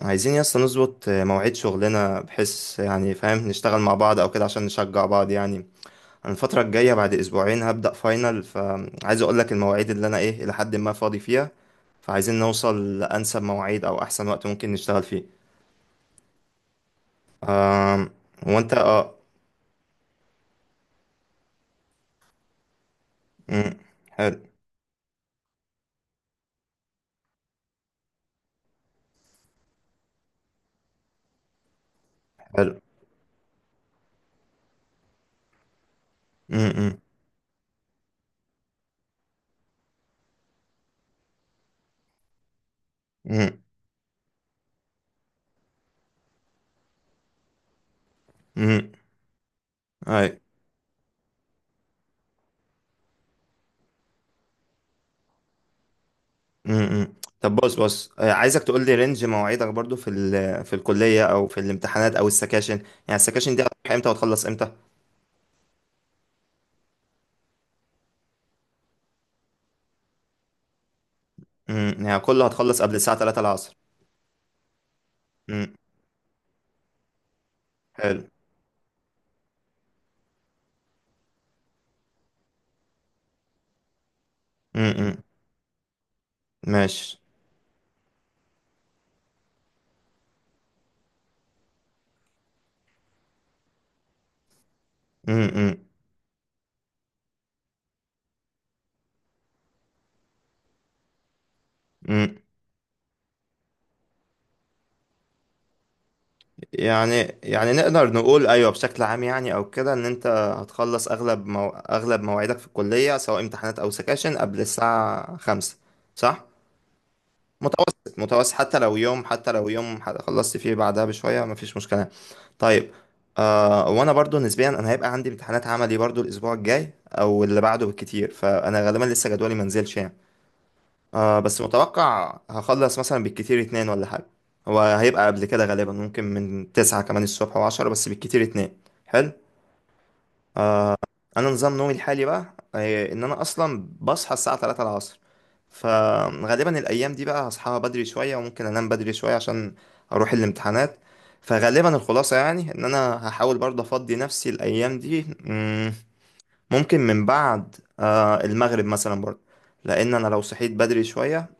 عايزين يا اسطى نظبط مواعيد شغلنا بحيث يعني فاهم نشتغل مع بعض او كده عشان نشجع بعض يعني. انا الفترة الجاية بعد اسبوعين هبدأ فاينل، فعايز اقول لك المواعيد اللي انا الى حد ما فاضي فيها، فعايزين نوصل لانسب مواعيد او احسن وقت ممكن نشتغل فيه. ف هو انت اه مم. حلو. حلو. مم. مم. مم. مم. اي. مم. مم. طب، بص عايزك تقول لي رينج مواعيدك برضو في في الكلية او في الامتحانات او السكاشن، يعني السكاشن دي هتروح امتى وتخلص امتى؟ يعني كله هتخلص قبل الساعة 3 العصر؟ امم. حلو. امم. ماشي. امم. امم. يعني، يعني نقدر نقول ايوه بشكل عام يعني او كده، ان انت هتخلص اغلب اغلب مواعيدك في الكلية سواء امتحانات او سكاشن قبل الساعة 5، صح؟ متوسط، متوسط، حتى لو يوم، خلصت فيه بعدها بشوية مفيش مشكلة. طيب. وانا برضو نسبيا انا هيبقى عندي امتحانات عملي برضو الاسبوع الجاي او اللي بعده بالكتير، فانا غالبا لسه جدولي منزلش يعني. بس متوقع هخلص مثلا بالكتير اتنين ولا حاجة، هو هيبقى قبل كده غالبا، ممكن من تسعة كمان الصبح وعشرة، بس بالكتير اتنين. حلو. أنا نظام نومي الحالي بقى إن أنا أصلا بصحى الساعة تلاتة العصر، فغالبا الأيام دي بقى هصحى بدري شوية وممكن أنام بدري شوية عشان أروح الامتحانات. فغالبا الخلاصة يعني إن أنا هحاول برضه أفضي نفسي الأيام دي، ممكن من بعد المغرب مثلا برضه، لأن أنا لو صحيت بدري شوية.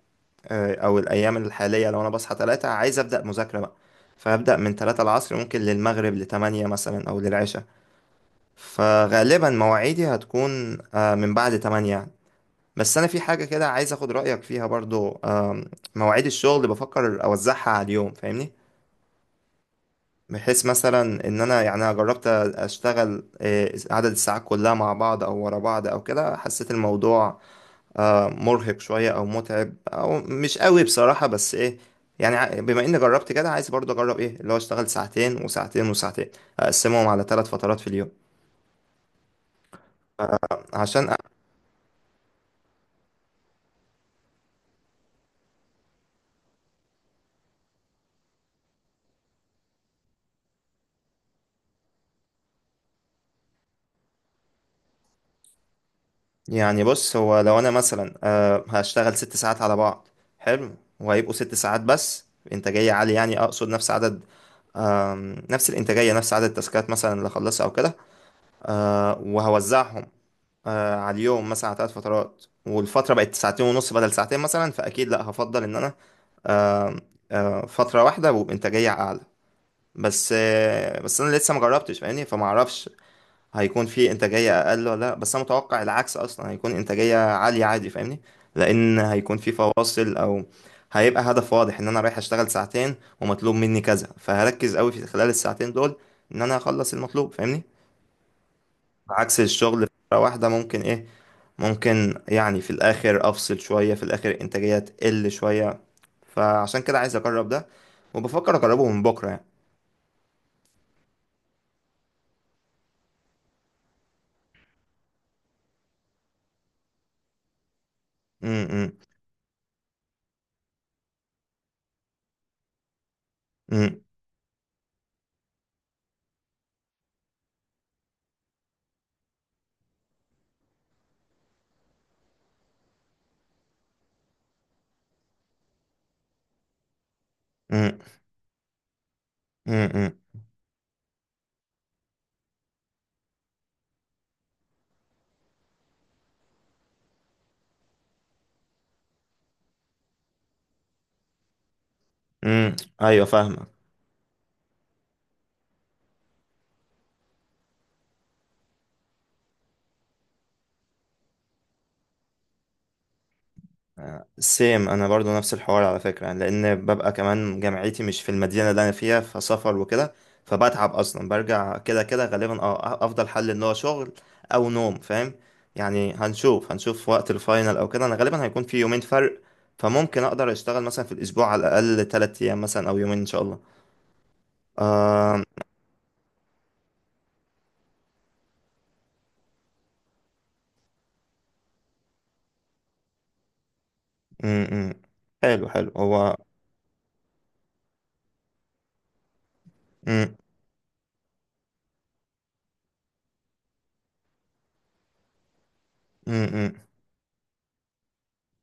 او الايام الحاليه لو انا بصحى 3 عايز ابدا مذاكره بقى، فابدا من 3 العصر ممكن للمغرب ل 8 مثلا او للعشاء. فغالبا مواعيدي هتكون من بعد 8 يعني. بس انا في حاجه كده عايز اخد رايك فيها برضو، مواعيد الشغل اللي بفكر اوزعها على اليوم فاهمني؟ بحيث مثلا ان انا يعني، انا جربت اشتغل عدد الساعات كلها مع بعض او ورا بعض او كده، حسيت الموضوع مرهق شوية أو متعب أو مش قوي بصراحة، بس إيه يعني، بما إني جربت كده عايز برضه أجرب إيه اللي هو أشتغل ساعتين وساعتين وساعتين، أقسمهم على ثلاث فترات في اليوم. عشان أ- يعني بص، هو لو أنا مثلا هشتغل ست ساعات على بعض. حلو. وهيبقوا ست ساعات بس إنتاجية عالية، يعني أقصد نفس عدد نفس الإنتاجية، نفس عدد التاسكات مثلا اللي أخلصها أو كده. وهوزعهم على اليوم مثلا على ثلاث فترات، والفترة بقت ساعتين ونص بدل ساعتين مثلا، فأكيد لأ هفضل إن أنا فترة واحدة وبإنتاجية أعلى. بس أنا لسه مجربتش فاهمني، فما أعرفش هيكون في إنتاجية أقل ولا لأ، بس أنا متوقع العكس أصلا، هيكون إنتاجية عالية عادي فاهمني، لأن هيكون في فواصل أو هيبقى هدف واضح إن أنا رايح أشتغل ساعتين ومطلوب مني كذا، فهركز أوي في خلال الساعتين دول إن أنا أخلص المطلوب فاهمني. عكس الشغل فترة واحدة ممكن إيه، ممكن يعني في الاخر افصل شوية، في الاخر الانتاجية تقل شوية. فعشان كده عايز اجرب ده، وبفكر اجربه من بكرة يعني. امم. امم. امم. امم. امم. ايوه فاهمك. سيم، انا برضو نفس الحوار على فكره يعني، لان ببقى كمان جامعتي مش في المدينه اللي انا فيها فسفر وكده. فبتعب اصلا، برجع كده كده غالبا اه، افضل حل ان هو شغل او نوم فاهم؟ يعني هنشوف وقت الفاينل او كده، انا غالبا هيكون في يومين فرق، فممكن اقدر اشتغل مثلا في الاسبوع على الاقل 3 ايام مثلا او يومين ان شاء الله. آه. م -م. حلو. حلو. هو م -م -م.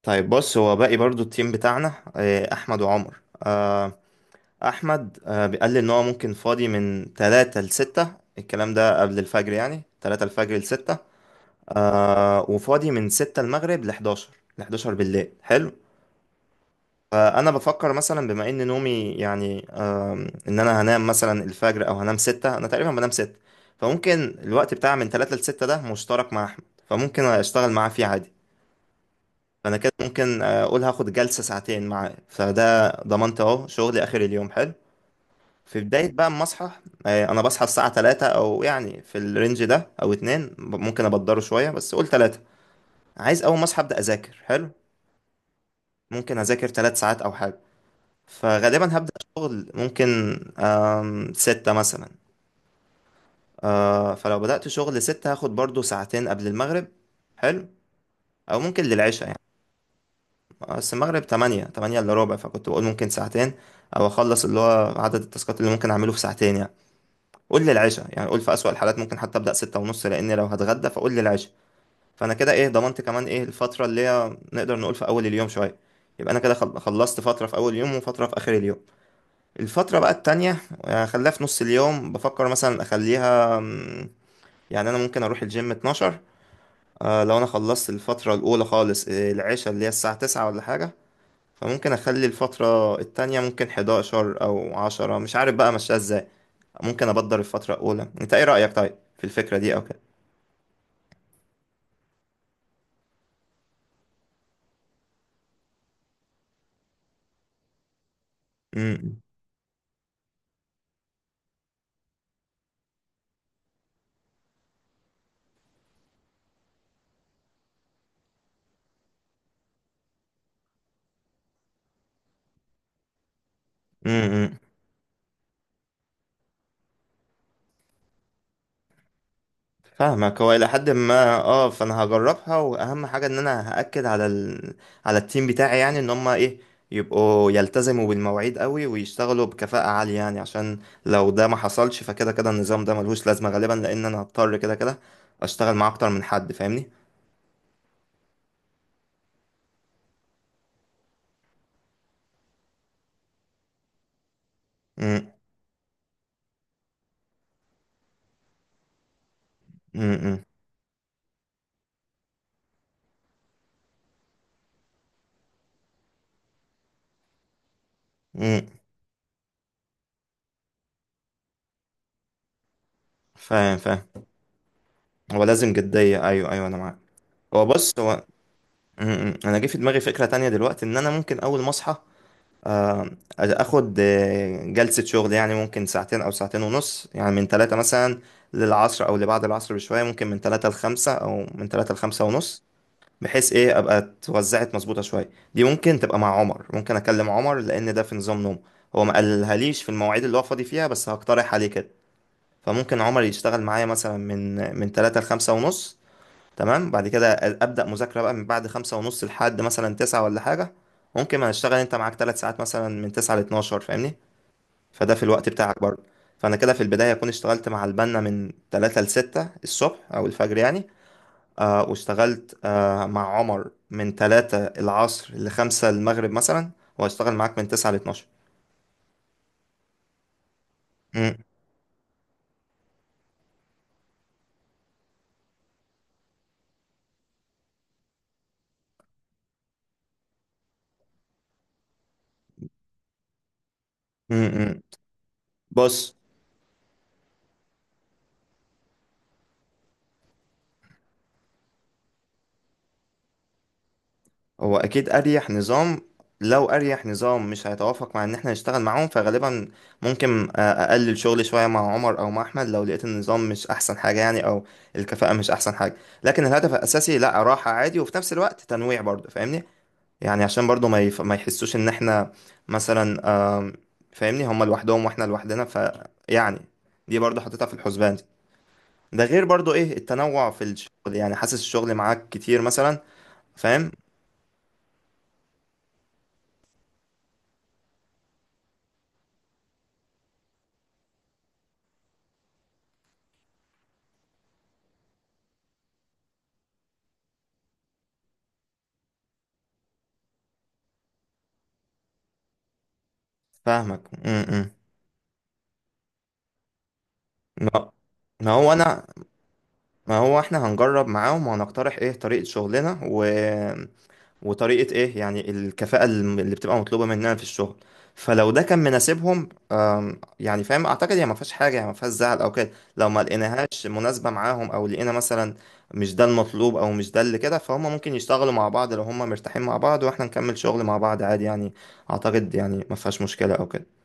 طيب، بص، هو باقي برضو التيم بتاعنا احمد وعمر. احمد بيقال لي ان هو ممكن فاضي من 3 ل 6، الكلام ده قبل الفجر يعني 3 الفجر ل 6. آه، وفاضي من 6 المغرب ل 11، ل 11 بالليل. حلو. فانا بفكر مثلا، بما ان نومي يعني ان انا هنام مثلا الفجر او هنام 6، انا تقريبا بنام 6، فممكن الوقت بتاع من 3 ل 6 ده مشترك مع احمد، فممكن اشتغل معاه فيه عادي. فانا كده ممكن اقول هاخد جلسة ساعتين معاه، فده ضمنت اهو شغلي اخر اليوم. حلو. في بداية بقى ما اصحى، انا بصحى الساعة 3، او يعني في الرينج ده او 2، ممكن ابدره شوية بس قول 3. عايز اول ما اصحى ابدا اذاكر. حلو. ممكن اذاكر 3 ساعات او حاجة، فغالبا هبدا شغل ممكن 6 مثلا. فلو بدات شغل 6 هاخد برضو ساعتين قبل المغرب. حلو. او ممكن للعشاء يعني، بس المغرب 8 الا ربع، فكنت بقول ممكن ساعتين او اخلص اللي هو عدد التاسكات اللي ممكن اعمله في ساعتين يعني. قول لي العشاء يعني، قول في أسوأ الحالات ممكن حتى أبدأ ستة ونص، لأن لو هتغدى فقول لي العشاء. فأنا كده إيه، ضمنت كمان إيه الفترة اللي هي نقدر نقول في أول اليوم شوية، يبقى أنا كده خلصت فترة في أول يوم وفترة في آخر اليوم. الفترة بقى التانية خليها في نص اليوم، بفكر مثلا أخليها، يعني أنا ممكن أروح الجيم 12. لو أنا خلصت الفترة الأولى خالص العشاء اللي هي الساعة 9 ولا حاجة، فممكن اخلي الفترة التانية ممكن 11 او 10، مش عارف بقى ماشية ازاي، ممكن ابدر الفترة الاولى. انت ايه رأيك طيب في الفكرة دي او كده؟ امم. امم. فاهمك، هو الى حد ما اه، فانا هجربها. واهم حاجة ان انا هأكد على على التيم بتاعي، يعني ان هم ايه، يبقوا يلتزموا بالمواعيد قوي ويشتغلوا بكفاءة عالية يعني، عشان لو ده ما حصلش فكده كده النظام ده ملهوش لازمة غالبا، لان انا هضطر كده كده اشتغل مع اكتر من حد فاهمني. امم. امم. امم. فاهم، هو لازم جدية، أيوه أيوه أنا معاك. هو بص هو م- م. أنا جه في دماغي فكرة تانية دلوقتي، إن أنا ممكن أول ما أصحى اخد جلسة شغل يعني، ممكن ساعتين او ساعتين ونص يعني، من ثلاثة مثلا للعصر او لبعد العصر بشوية، ممكن من ثلاثة لخمسة او من ثلاثة لخمسة ونص، بحيث ايه ابقى اتوزعت مظبوطة شوية. دي ممكن تبقى مع عمر، ممكن اكلم عمر لان ده في نظام نوم، هو ما قالهاليش في المواعيد اللي هو فاضي فيها، بس هقترح عليه كده. فممكن عمر يشتغل معايا مثلا من ثلاثة لخمسة ونص. تمام. بعد كده ابدا مذاكره بقى من بعد خمسة ونص لحد مثلا تسعة ولا حاجه. ممكن ما هشتغل انت معاك ثلاث ساعات مثلا من تسعة ل 12 فاهمني، فده في الوقت بتاعك برضه. فانا كده في البدايه اكون اشتغلت مع البنا من 3 ل 6 الصبح او الفجر يعني. واشتغلت مع عمر من 3 العصر ل 5 المغرب مثلا، وهشتغل معاك من 9 ل 12. امم. امم. بص، هو اكيد اريح نظام. لو اريح نظام مش هيتوافق مع ان احنا نشتغل معاهم، فغالبا ممكن اقلل شغلي شويه مع عمر او مع احمد لو لقيت النظام مش احسن حاجه يعني، او الكفاءه مش احسن حاجه. لكن الهدف الاساسي لا، راحه عادي وفي نفس الوقت تنويع برضه فاهمني، يعني عشان برضه ما ما يحسوش ان احنا مثلا آم، فاهمني، هما لوحدهم واحنا لوحدنا، ف، يعني، دي برضه حطيتها في الحسبان. ده غير برضه ايه التنوع في الشغل، يعني حاسس الشغل معاك كتير مثلا فاهم. فاهمك. م- م. ما ما هو انا، ما هو احنا هنجرب معاهم وهنقترح ايه طريقة شغلنا وطريقة ايه يعني الكفاءة اللي بتبقى مطلوبة مننا في الشغل. فلو ده كان مناسبهم يعني فاهم، اعتقد هي ما فيهاش حاجة يعني، ما فيهاش زعل او كده. لو ما لقيناهاش مناسبة معاهم او لقينا مثلا مش ده المطلوب او مش ده اللي كده فهم، ممكن يشتغلوا مع بعض لو هم مرتاحين مع بعض، واحنا نكمل شغل مع بعض عادي يعني، اعتقد يعني ما فيهاش مشكلة او كده.